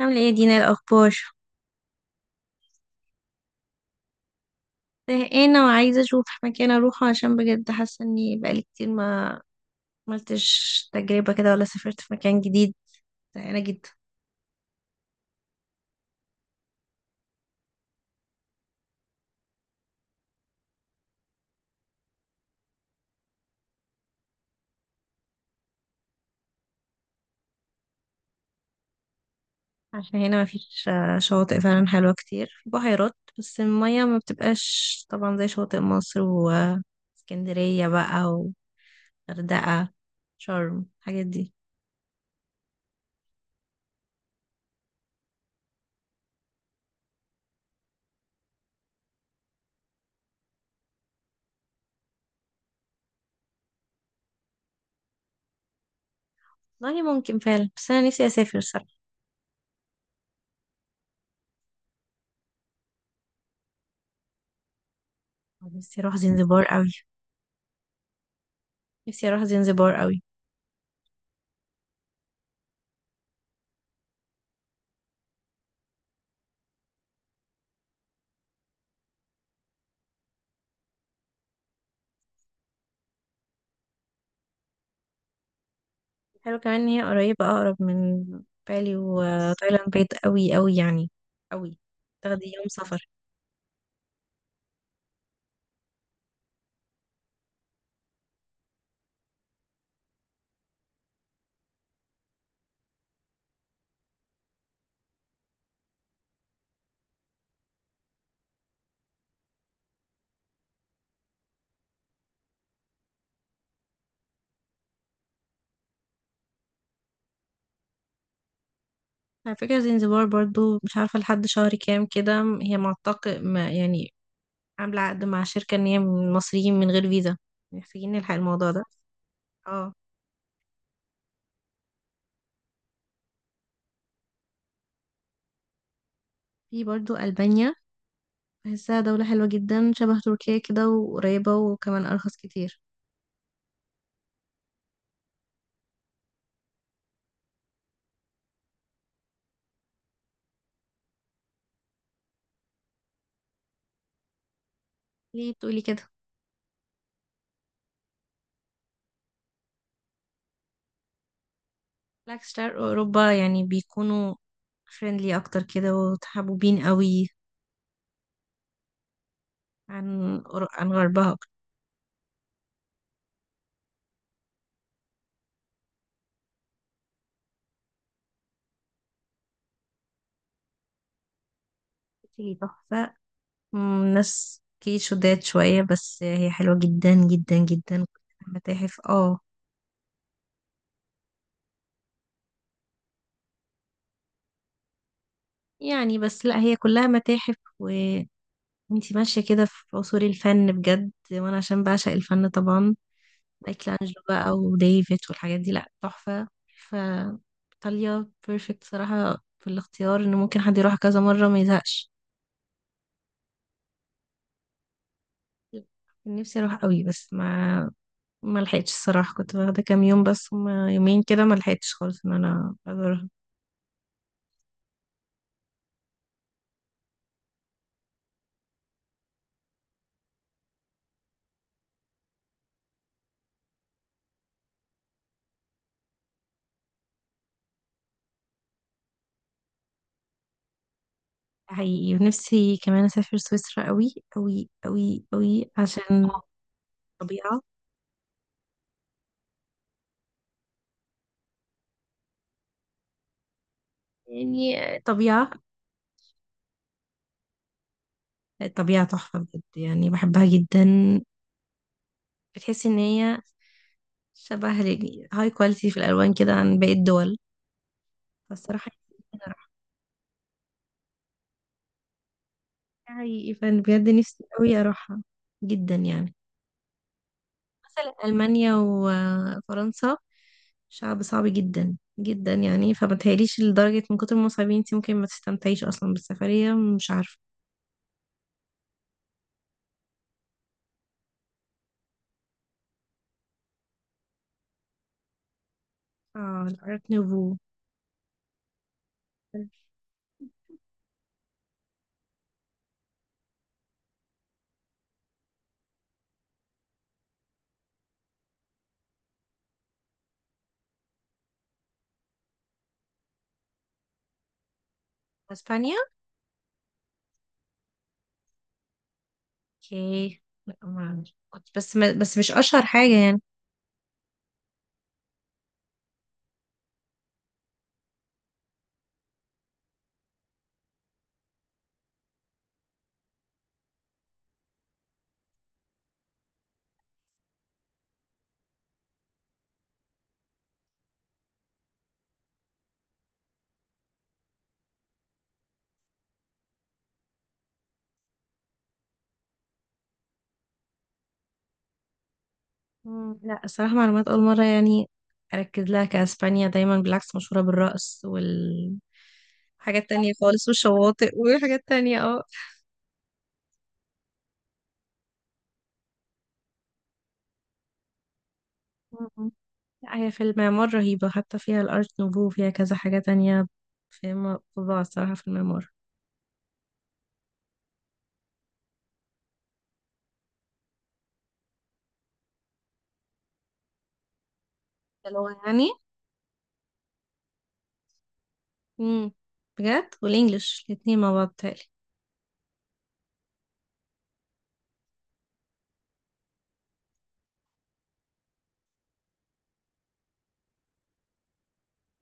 عاملة ايه يا دينا؟ إيه الأخبار؟ زهقانة وعايزة أشوف مكان أروحه، عشان بجد حاسة إني بقالي كتير ما عملتش تجربة كده ولا سافرت في مكان جديد. زهقانة جدا. عشان هنا مفيش شواطئ فعلا حلوة كتير، في بحيرات بس المية ما بتبقاش طبعا زي شواطئ مصر واسكندرية بقى وغردقة، شرم، الحاجات دي. والله ممكن فعلا، بس أنا نفسي أسافر صراحة. نفسي أروح زنزبار أوي. نفسي أروح زنزبار أوي. حلو كمان ان هي قريبة، اقرب من بالي وتايلاند، بعيد قوي قوي يعني، قوي. تاخدي يوم سفر. على فكرة زنزبار برضو، مش عارفة لحد شهر كام كده، هي معتق ما يعني، عاملة عقد مع شركة ان هي من المصريين من غير فيزا. محتاجين نلحق الموضوع ده. اه. في برضو ألبانيا، بحسها دولة حلوة جدا، شبه تركيا كده، وقريبة، وكمان أرخص كتير. ليه بتقولي كده؟ بالعكس شرق أوروبا يعني بيكونوا فريندلي أكتر كده وتحبوبين قوي عن غربها أكتر. هي تحفة. ناس كي شداد شوية، بس هي حلوة جدا جدا جدا. متاحف، اه. يعني بس لا، هي كلها متاحف وانتي ماشية كده في عصور الفن بجد، وانا عشان بعشق الفن طبعا، مايكلانجلو بقى وديفيد والحاجات دي، لا تحفة. ف ايطاليا بيرفكت صراحة في الاختيار، ان ممكن حد يروح كذا مرة ما يزهقش. نفسي اروح قوي، بس ما لحقتش الصراحه، كنت واخده كام يوم، بس هما يومين كده، ما لحقتش خالص ان انا ازورها. حقيقي. ونفسي كمان اسافر سويسرا قوي قوي قوي قوي، عشان طبيعه. يعني طبيعه. الطبيعه تحفه بجد، يعني بحبها جدا. بتحس ان هي شبه هاي كواليتي في الالوان كده، عن باقي الدول. فالصراحه نفسي أروحها. حقيقي، فأنا بجد نفسي قوي اروحها جدا يعني. مثلا ألمانيا وفرنسا، شعب صعب جدا جدا يعني، فمتهيأليش، لدرجة من كتر ما صعبين انت ممكن ما تستمتعيش أصلا بالسفرية، مش عارفة. اه الارت نوفو. اسبانيا. اوكي. لا ما أعرف. كنت بس مش اشهر حاجة يعني. لا الصراحة معلومات أول مرة يعني أركز لها، كأسبانيا دايما بالعكس مشهورة بالرقص والحاجات تانية خالص، والشواطئ وحاجات تانية. اه لا، هي في المعمار رهيبة، حتى فيها الأرت نوفو، وفيها كذا حاجة تانية. في فظاعة الصراحة في المعمار. اللغة يعني. امم بجد، والإنجليش الاتنين مع بعض تالي.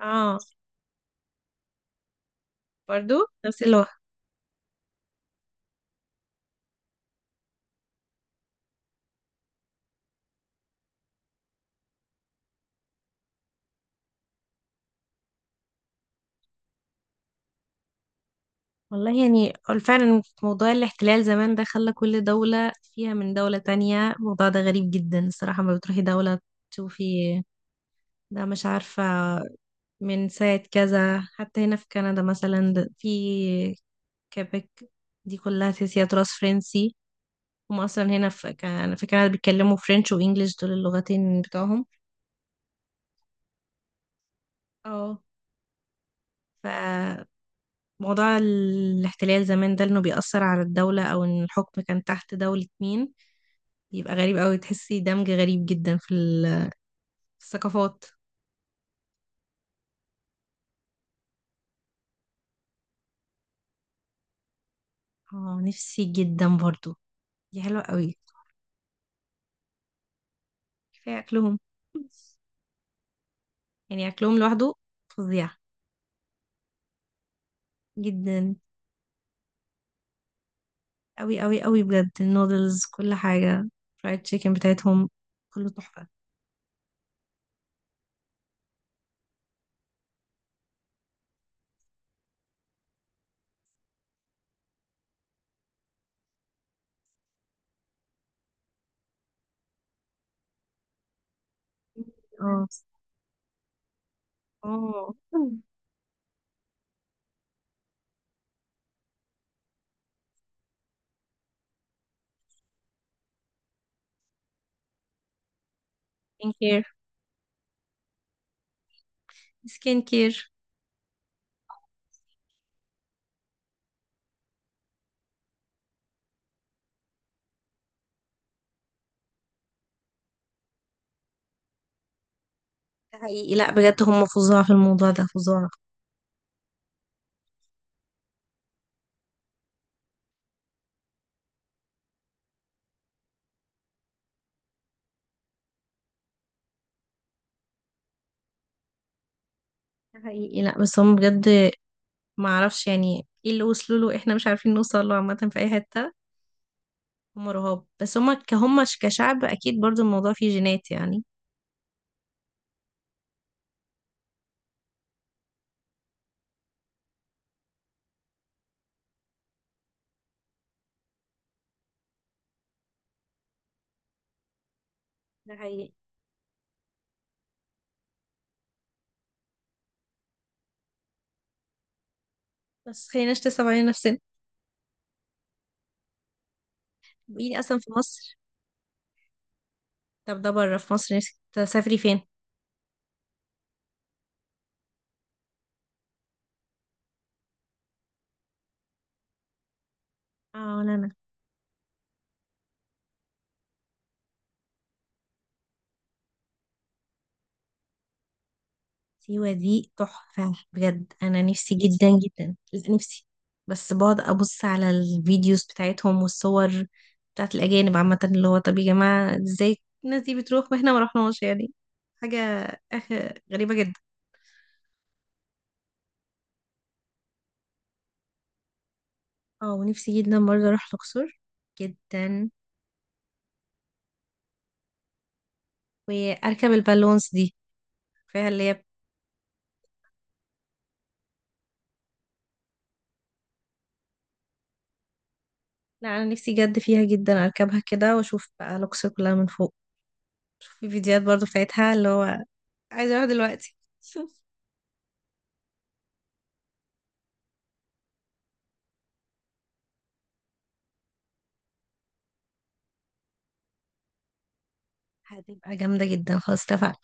اه برضو نفس اللغة. والله يعني فعلا موضوع الاحتلال زمان ده خلى كل دولة فيها من دولة تانية. الموضوع ده غريب جدا الصراحة، ما بتروحي دولة تشوفي ده، مش عارفة، من ساعة كذا. حتى هنا في كندا مثلا، في كيبك، دي كلها تحسيها تراث فرنسي. هم اصلا هنا في انا في كندا بيتكلموا فرنش وانجليش، دول اللغتين بتوعهم. اه. فموضوع الاحتلال زمان ده، انه بيأثر على الدولة، او ان الحكم كان تحت دولة مين، بيبقى غريب قوي. تحسي دمج غريب جدا في في الثقافات. اه نفسي جدا برضو. دي حلوة قوي. كفاية اكلهم. يعني اكلهم لوحده فظيع جدا. قوي قوي قوي بجد، النودلز، كل حاجة، فرايد تشيكن بتاعتهم، كله تحفة. اه. اه سكين كير. سكين كير. ده حقيقي، لا بجد هم فظاع في الموضوع ده، فظاع. ده حقيقي. لا بس هم بجد ما اعرفش يعني ايه اللي وصلوا له احنا مش عارفين نوصل له عامة في اي حتة. هم رهاب، بس هم كهم كشعب اكيد برضو الموضوع فيه جينات يعني. ده حقيقي. بس خليناش نصعب علينا نفسنا. بقيني اصلا في مصر. طب ده بره، في مصر نفسك تسافري فين؟ اه لا. سيوة دي تحفة بجد، أنا نفسي جدا جدا، لا نفسي. بس بقعد أبص على الفيديوز بتاعتهم والصور بتاعت الأجانب عامة، اللي هو طب يا جماعة ازاي الناس دي بتروح واحنا ما رحناش يعني؟ حاجة، أخ، غريبة جدا. اه ونفسي جدا برضه أروح الأقصر جدا، وأركب البالونس دي، فيها اللي هي. لا أنا نفسي جد فيها جدا أركبها كده، وأشوف بقى الأقصر كلها من فوق. في فيديوهات برضه بتاعتها، اللي هو عايزة أروح دلوقتي. هتبقى جامدة جدا، خلاص اتفقنا.